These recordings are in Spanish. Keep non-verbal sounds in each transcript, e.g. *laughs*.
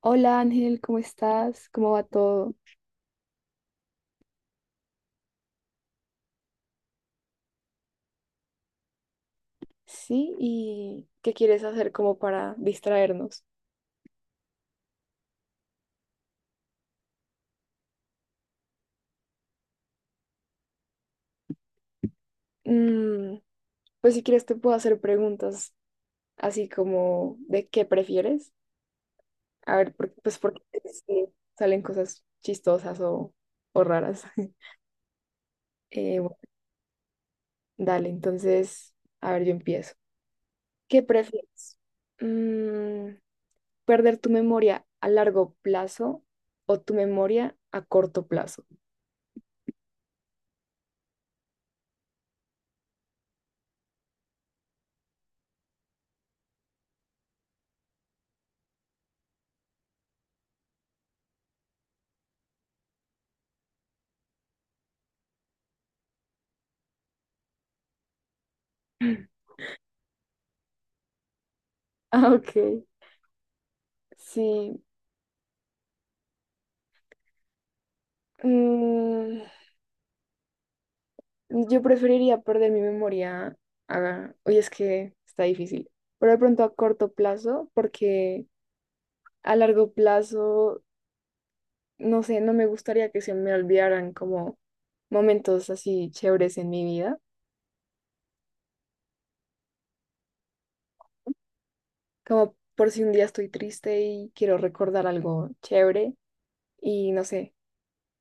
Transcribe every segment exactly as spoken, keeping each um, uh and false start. Hola Ángel, ¿cómo estás? ¿Cómo va todo? Sí, ¿y qué quieres hacer como para distraernos? Mm, pues si quieres te puedo hacer preguntas así como de qué prefieres. A ver, por- pues porque sí, salen cosas chistosas o, o raras. *laughs* Eh, bueno, dale, entonces, a ver, yo empiezo. ¿Qué prefieres? Mm, ¿Perder tu memoria a largo plazo o tu memoria a corto plazo? *laughs* Ah, ok. Sí. Mm, yo preferiría perder mi memoria. a- Oye, es que está difícil. Pero de pronto a corto plazo, porque a largo plazo, no sé, no me gustaría que se me olvidaran como momentos así chéveres en mi vida. Como por si un día estoy triste y quiero recordar algo chévere y no sé,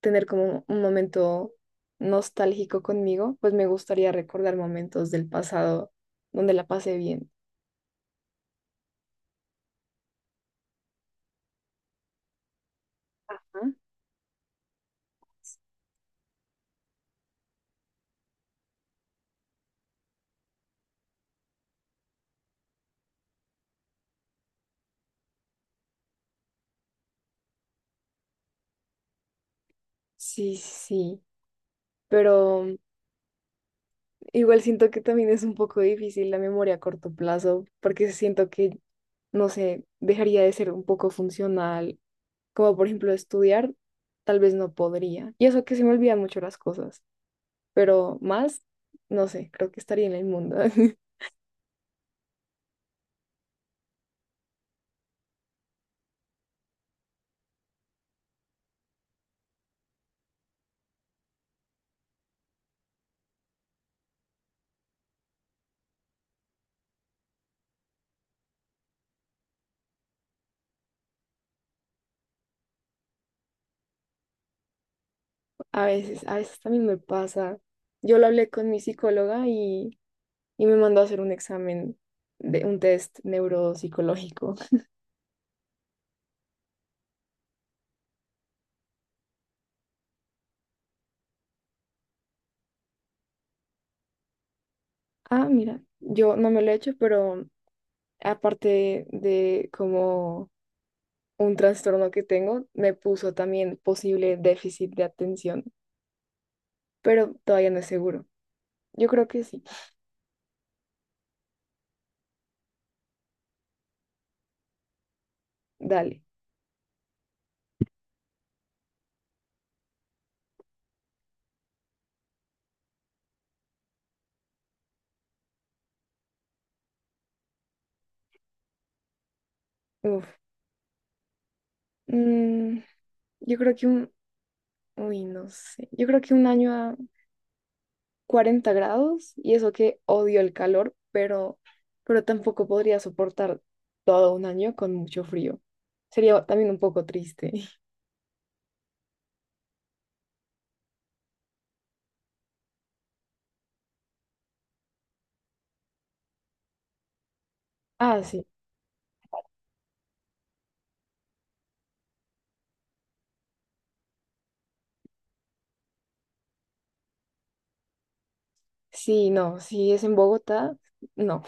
tener como un momento nostálgico conmigo, pues me gustaría recordar momentos del pasado donde la pasé bien. Ajá. Sí, sí, pero igual siento que también es un poco difícil la memoria a corto plazo porque siento que, no sé, dejaría de ser un poco funcional, como por ejemplo estudiar, tal vez no podría. Y eso que se me olvidan mucho las cosas. Pero más, no sé, creo que estaría en el mundo. *laughs* A veces, a veces también me pasa. Yo lo hablé con mi psicóloga y, y me mandó a hacer un examen de un test neuropsicológico. Ah, mira, yo no me lo he hecho, pero aparte de como un trastorno que tengo, me puso también posible déficit de atención, pero todavía no es seguro. Yo creo que sí. Dale. Uf. Mm, yo creo que un, uy, no sé. Yo creo que un año a- cuarenta grados y eso que odio el calor, pero, pero tampoco podría soportar todo un año con mucho frío. Sería también un poco triste. *laughs* Ah, sí, sí, no, si es en Bogotá, no.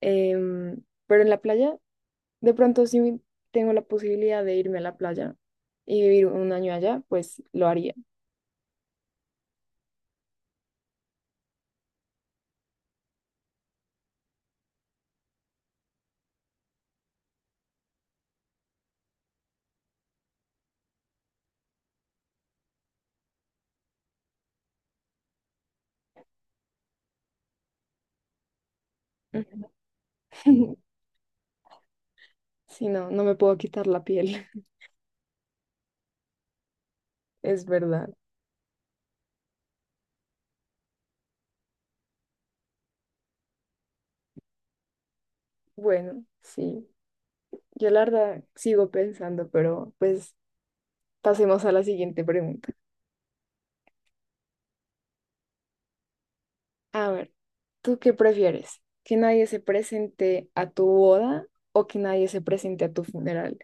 Em, pero en la playa, de pronto si tengo la posibilidad de irme a la playa y vivir un año allá, pues lo haría. *laughs* Si no, no me puedo quitar la piel, *laughs* es verdad. Bueno, sí, yo la verdad sigo pensando, pero pues pasemos a la siguiente pregunta. A ver, ¿tú qué prefieres? ¿Que nadie se presente a tu boda o que nadie se presente a tu funeral?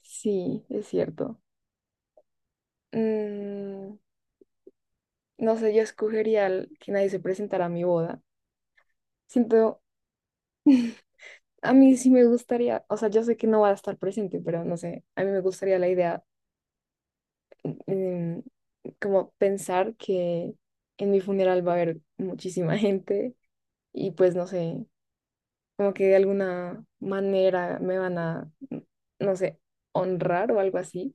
Sí, es cierto. Mm, no sé, yo escogería el- que nadie se presentara a mi boda. Siento, a mí sí me gustaría, o sea, yo sé que no va a estar presente, pero no sé, a mí me gustaría la idea, em, como pensar que en mi funeral va a haber muchísima *laughs* gente y pues no sé como que de alguna manera me van a, no sé, honrar o algo así,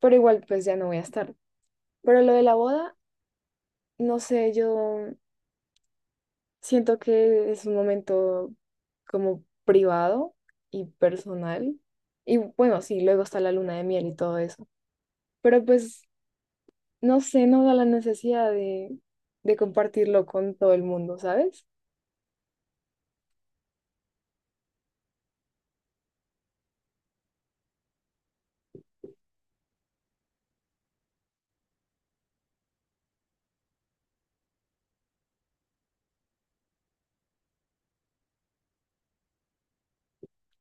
pero igual pues ya no voy a estar. Pero lo de la boda, no sé, yo siento que es un momento como privado y personal. Y bueno, sí, luego está la luna de miel y todo eso. Pero pues, no sé, no da la necesidad de, de compartirlo con todo el mundo, ¿sabes?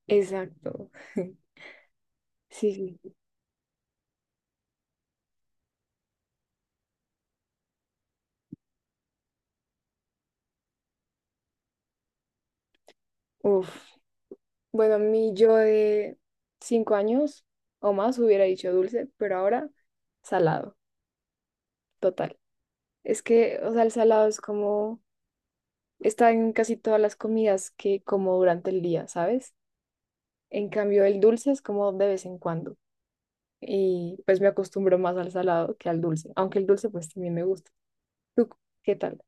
Exacto. *laughs* Sí, sí. Uf. Bueno, mi yo de cinco años o más hubiera dicho dulce, pero ahora salado, total. Es que, o sea, el salado es como, está en casi todas las comidas que como durante el día, ¿sabes? En cambio, el dulce es como de vez en cuando. Y pues me acostumbro más al salado que al dulce, aunque el dulce pues también me gusta. ¿Tú qué tal?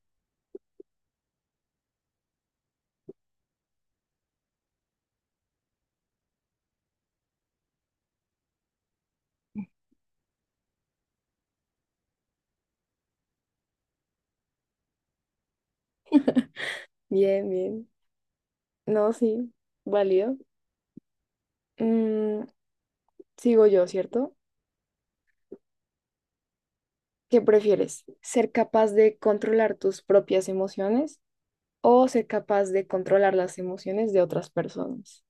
Bien, bien. No, sí, válido. Mm, Sigo yo, ¿cierto? ¿Qué prefieres? ¿Ser capaz de controlar tus propias emociones o ser capaz de controlar las emociones de otras personas?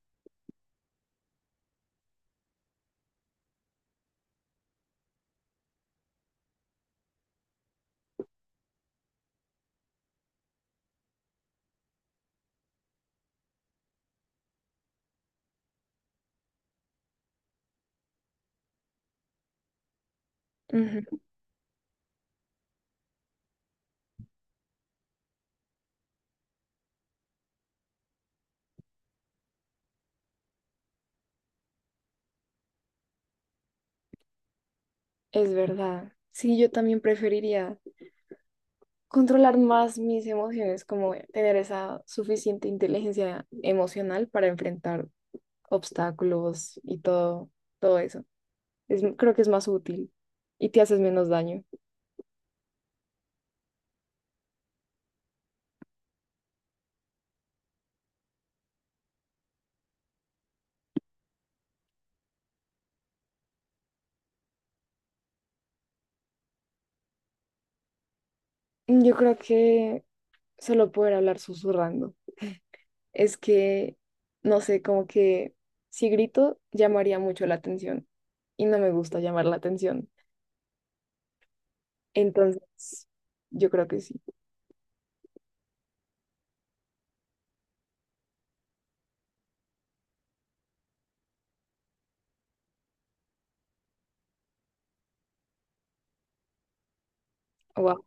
Ujú. Es verdad. Sí, yo también preferiría controlar más mis emociones, como tener esa suficiente inteligencia emocional para enfrentar obstáculos y todo, todo eso. Es, creo que es más útil y te haces menos daño. Yo creo que solo poder hablar susurrando. Es que, no sé, como que si grito, llamaría mucho la atención y no me gusta llamar la atención. Entonces, yo creo que sí. Wow.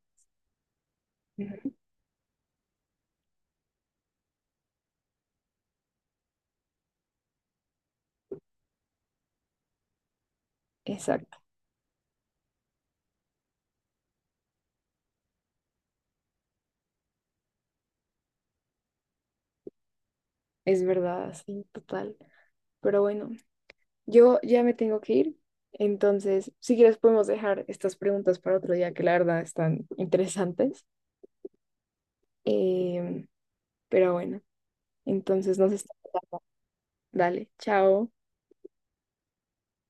Exacto. Es verdad, sí, total. Pero bueno, yo ya me tengo que ir. Entonces, si quieres, podemos dejar estas preguntas para otro día, que la verdad están interesantes. Em, pero bueno. Entonces nos estamos hablando. Dale, chao.